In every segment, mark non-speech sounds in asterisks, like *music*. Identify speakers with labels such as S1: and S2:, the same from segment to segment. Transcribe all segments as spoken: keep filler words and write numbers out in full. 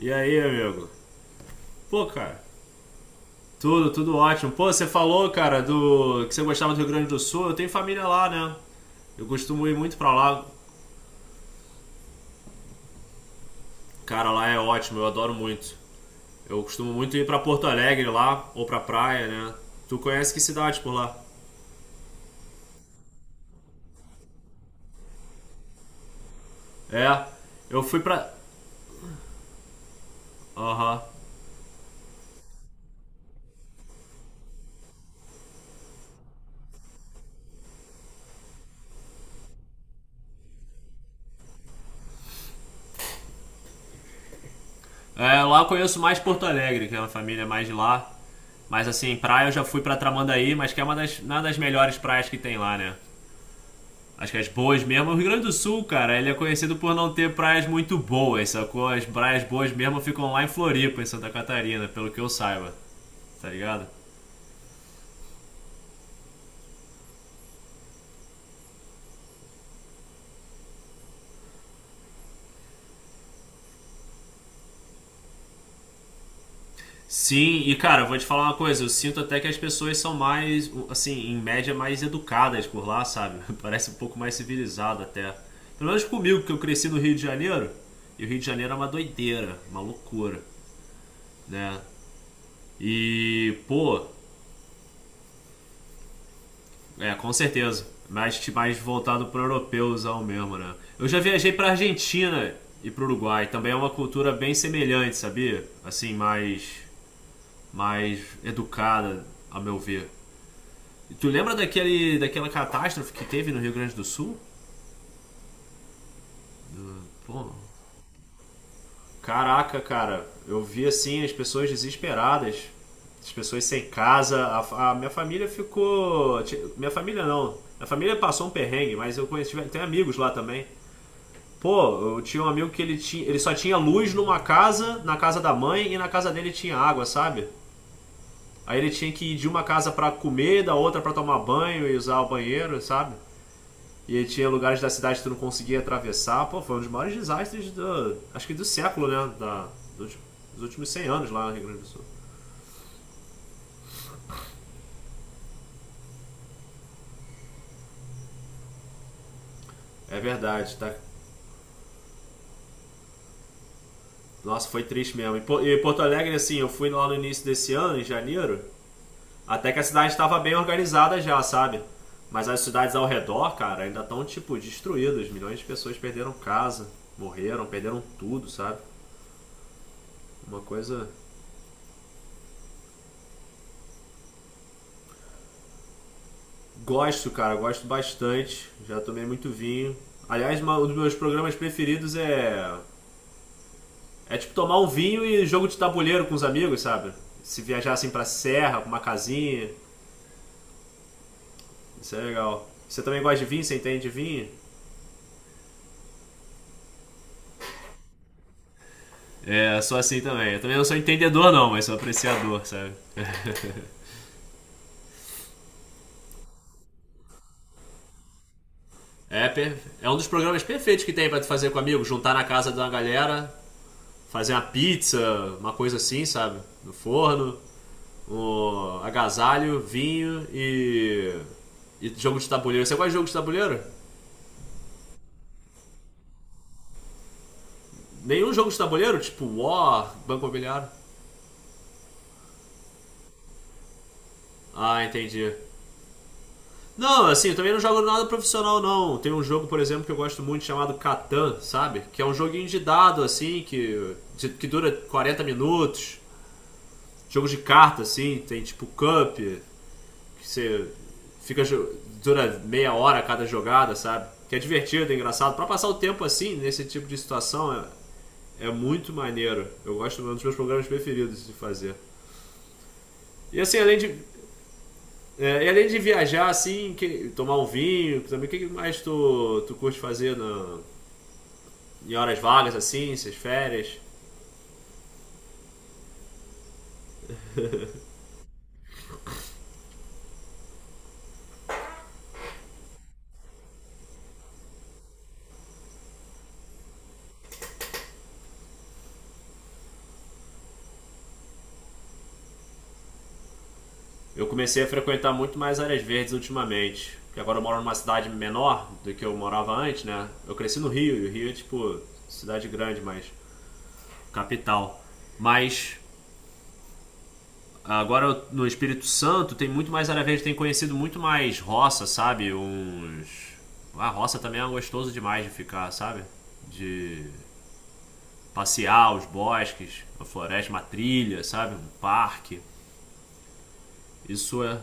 S1: E aí, amigo? Pô, cara, tudo, tudo ótimo. Pô, você falou, cara, do que você gostava do Rio Grande do Sul. Eu tenho família lá, né? Eu costumo ir muito pra lá. Cara, lá é ótimo, eu adoro muito. Eu costumo muito ir pra Porto Alegre lá, ou pra praia, né? Tu conhece que cidade por lá? É, eu fui pra. Aham. É, lá eu conheço mais Porto Alegre, que é uma família mais de lá. Mas assim, praia eu já fui pra Tramandaí, mas que é uma das, uma das melhores praias que tem lá, né? Acho que as boas mesmo. O Rio Grande do Sul, cara, ele é conhecido por não ter praias muito boas, sacou? As praias boas mesmo ficam lá em Floripa, em Santa Catarina, pelo que eu saiba. Tá ligado? Sim, e cara, eu vou te falar uma coisa, eu sinto até que as pessoas são mais, assim, em média, mais educadas por lá, sabe? *laughs* Parece um pouco mais civilizado até. Pelo menos comigo, que eu cresci no Rio de Janeiro, e o Rio de Janeiro é uma doideira, uma loucura, né? E, pô. É, com certeza. Mais, mais voltado para o europeuzão mesmo, né? Eu já viajei para Argentina e para o Uruguai. Também é uma cultura bem semelhante, sabia? Assim, mais, mais educada, a meu ver. E tu lembra daquele, daquela catástrofe que teve no Rio Grande do Sul? Pô, caraca, cara. Eu vi assim as pessoas desesperadas, as pessoas sem casa. A, a minha família ficou. Minha família não. Minha família passou um perrengue, mas eu conheci, tem amigos lá também. Pô, eu tinha um amigo que ele, tinha, ele só tinha luz numa casa, na casa da mãe, e na casa dele tinha água, sabe? Aí ele tinha que ir de uma casa pra comer, da outra pra tomar banho e usar o banheiro, sabe? E tinha lugares da cidade que tu não conseguia atravessar. Pô, foi um dos maiores desastres do, acho que do século, né? Da, dos, dos últimos cem anos lá no Rio Grande do Sul. É verdade, tá? Nossa, foi triste mesmo. E, e Porto Alegre, assim, eu fui lá no início desse ano, em janeiro, até que a cidade estava bem organizada já, sabe? Mas as cidades ao redor, cara, ainda estão, tipo, destruídas. Milhões de pessoas perderam casa, morreram, perderam tudo, sabe? Uma coisa. Gosto, cara, gosto bastante. Já tomei muito vinho. Aliás, uma- um dos meus programas preferidos é. É tipo tomar um vinho e jogo de tabuleiro com os amigos, sabe? Se viajar assim pra serra, pra uma casinha. Isso é legal. Você também gosta de vinho? Você entende de vinho? É, sou assim também. Eu também não sou entendedor, não, mas sou apreciador, sabe? *laughs* É, é um dos programas perfeitos que tem pra tu fazer com amigos, juntar na casa de uma galera, fazer uma pizza, uma coisa assim, sabe? No forno, um agasalho, vinho e. e jogo de tabuleiro. Você gosta de jogo de tabuleiro? Nenhum jogo de tabuleiro? Tipo War, Banco Imobiliário? Ah, entendi. Não, assim, eu também não jogo nada profissional, não. Tem um jogo, por exemplo, que eu gosto muito chamado Catan, sabe? Que é um joguinho de dado, assim, que, de- que dura quarenta minutos. Jogo de carta, assim, tem tipo Cup, que você fica. Dura meia hora cada jogada, sabe? Que é divertido, é engraçado. Pra passar o tempo assim, nesse tipo de situação, é, é muito maneiro. Eu gosto, é um dos meus programas preferidos de fazer. E assim, além de. É, e além de viajar, assim, que- tomar um vinho, também, o que que mais tu, tu curte fazer na- em horas vagas, assim, essas férias? Eu comecei a frequentar muito mais áreas verdes ultimamente. Porque agora eu moro numa cidade menor do que eu morava antes, né? Eu cresci no Rio, e o Rio é tipo cidade grande, mas capital. Mas agora no Espírito Santo tem muito mais área verde, tem conhecido muito mais roça, sabe? Uns. A roça também é gostoso demais de ficar, sabe? De passear os bosques, a floresta, uma trilha, sabe? Um parque. Isso é.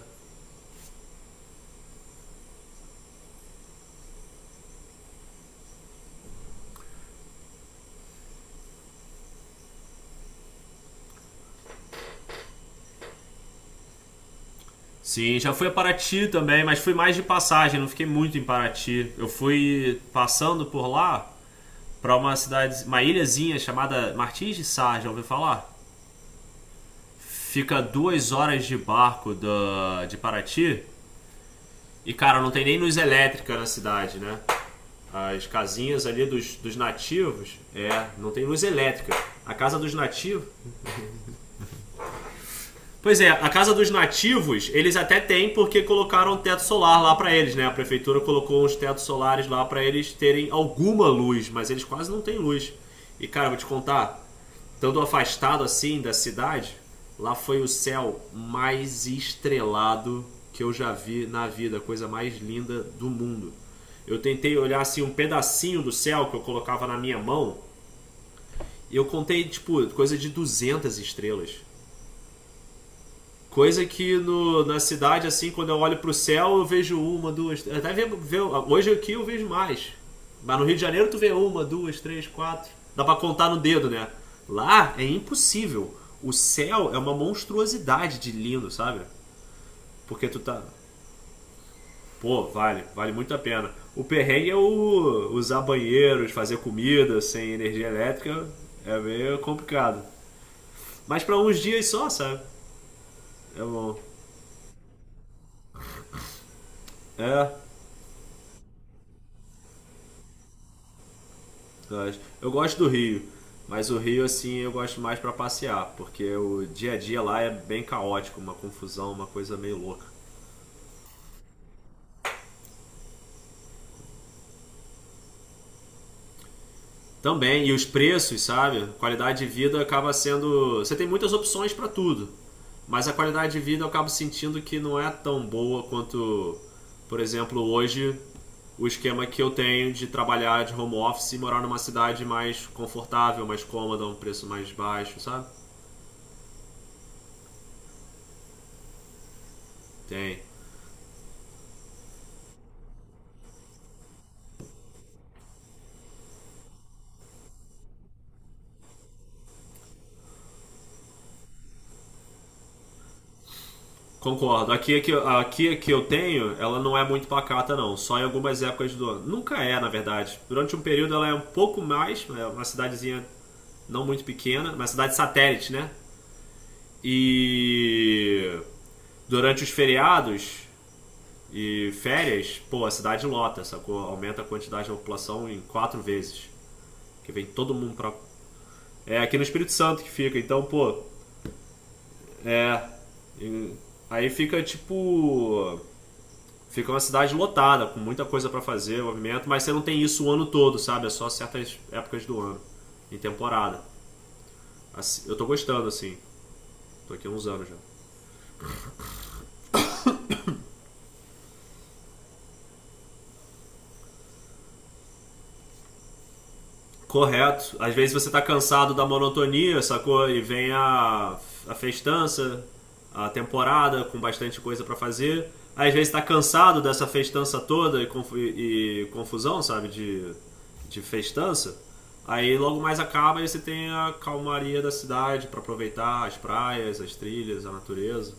S1: Sim, já fui a Paraty também, mas fui mais de passagem, não fiquei muito em Paraty. Eu fui passando por lá para uma cidade, uma ilhazinha chamada Martins de Sá, já ouviu falar? Fica duas horas de barco da, de Paraty e, cara, não tem nem luz elétrica na cidade, né? As casinhas ali dos, dos nativos, é, não tem luz elétrica. A casa dos nativos. Pois é, a casa dos nativos, eles até têm porque colocaram um teto solar lá pra eles, né? A prefeitura colocou uns tetos solares lá pra eles terem alguma luz, mas eles quase não têm luz. E cara, vou te contar, estando afastado assim da cidade, lá foi o céu mais estrelado que eu já vi na vida, a coisa mais linda do mundo. Eu tentei olhar assim um pedacinho do céu que eu colocava na minha mão, e eu contei tipo coisa de duzentas estrelas. Coisa que no, na cidade, assim, quando eu olho pro céu, eu vejo uma, duas. Até ve, ve- hoje aqui eu vejo mais. Mas no Rio de Janeiro tu vê uma, duas, três, quatro. Dá pra contar no dedo, né? Lá é impossível. O céu é uma monstruosidade de lindo, sabe? Porque tu tá. Pô, vale, vale muito a pena. O perrengue é o usar banheiros, fazer comida sem energia elétrica. É meio complicado. Mas pra uns dias só, sabe? É bom. É, eu gosto do Rio, mas o Rio, assim, eu gosto mais para passear, porque o dia a dia lá é bem caótico, uma confusão, uma coisa meio louca. Também, e os preços, sabe? Qualidade de vida acaba sendo. Você tem muitas opções para tudo, mas a qualidade de vida eu acabo sentindo que não é tão boa quanto, por exemplo, hoje o esquema que eu tenho de trabalhar de home office e morar numa cidade mais confortável, mais cômoda, um preço mais baixo, sabe? Tem. Concordo. Aqui é que, aqui é que eu tenho, ela não é muito pacata, não. Só em algumas épocas do ano. Nunca é, na verdade. Durante um período ela é um pouco mais, é uma cidadezinha não muito pequena, uma cidade satélite, né? E durante os feriados e férias, pô, a cidade lota, sacou? Aumenta a quantidade da população em quatro vezes. Que vem todo mundo pra. É aqui no Espírito Santo que fica, então, pô, é. e- Aí fica tipo. Fica uma cidade lotada, com muita coisa para fazer, movimento, mas você não tem isso o ano todo, sabe? É só certas épocas do ano, em temporada. Assim, eu tô gostando, assim. Tô aqui há uns anos já. Correto. Às vezes você tá cansado da monotonia, sacou? E vem a, a festança, a temporada com bastante coisa pra fazer. Às vezes tá cansado dessa festança toda e, confu- e confusão, sabe? De, de festança. Aí logo mais acaba e você tem a calmaria da cidade pra aproveitar as praias, as trilhas, a natureza.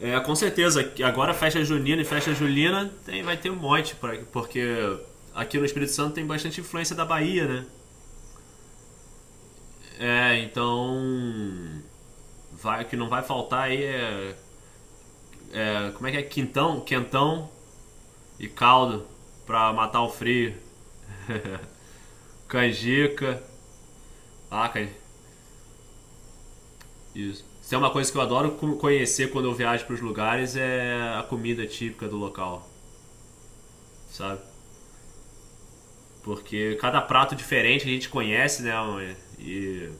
S1: É, com certeza, que agora festa junina e festa julina tem, vai ter um monte, pra, porque aqui no Espírito Santo tem bastante influência da Bahia, né? É, então. Vai, o que não vai faltar aí é, é. Como é que é? Quintão, quentão e caldo pra matar o frio. Canjica. Ah, can- isso. Isso é uma coisa que eu adoro conhecer quando eu viajo pros lugares é a comida típica do local, sabe? Porque cada prato diferente a gente conhece, né? E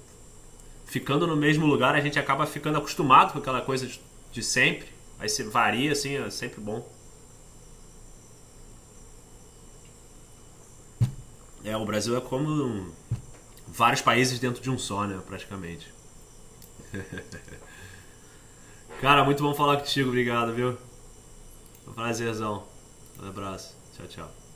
S1: ficando no mesmo lugar a gente acaba ficando acostumado com aquela coisa de, de sempre. Aí você varia, assim, é sempre bom. É, o Brasil é como um- vários países dentro de um só, né? Praticamente. Cara, muito bom falar contigo, obrigado, viu? Foi um prazerzão. Um abraço. Tchau, tchau.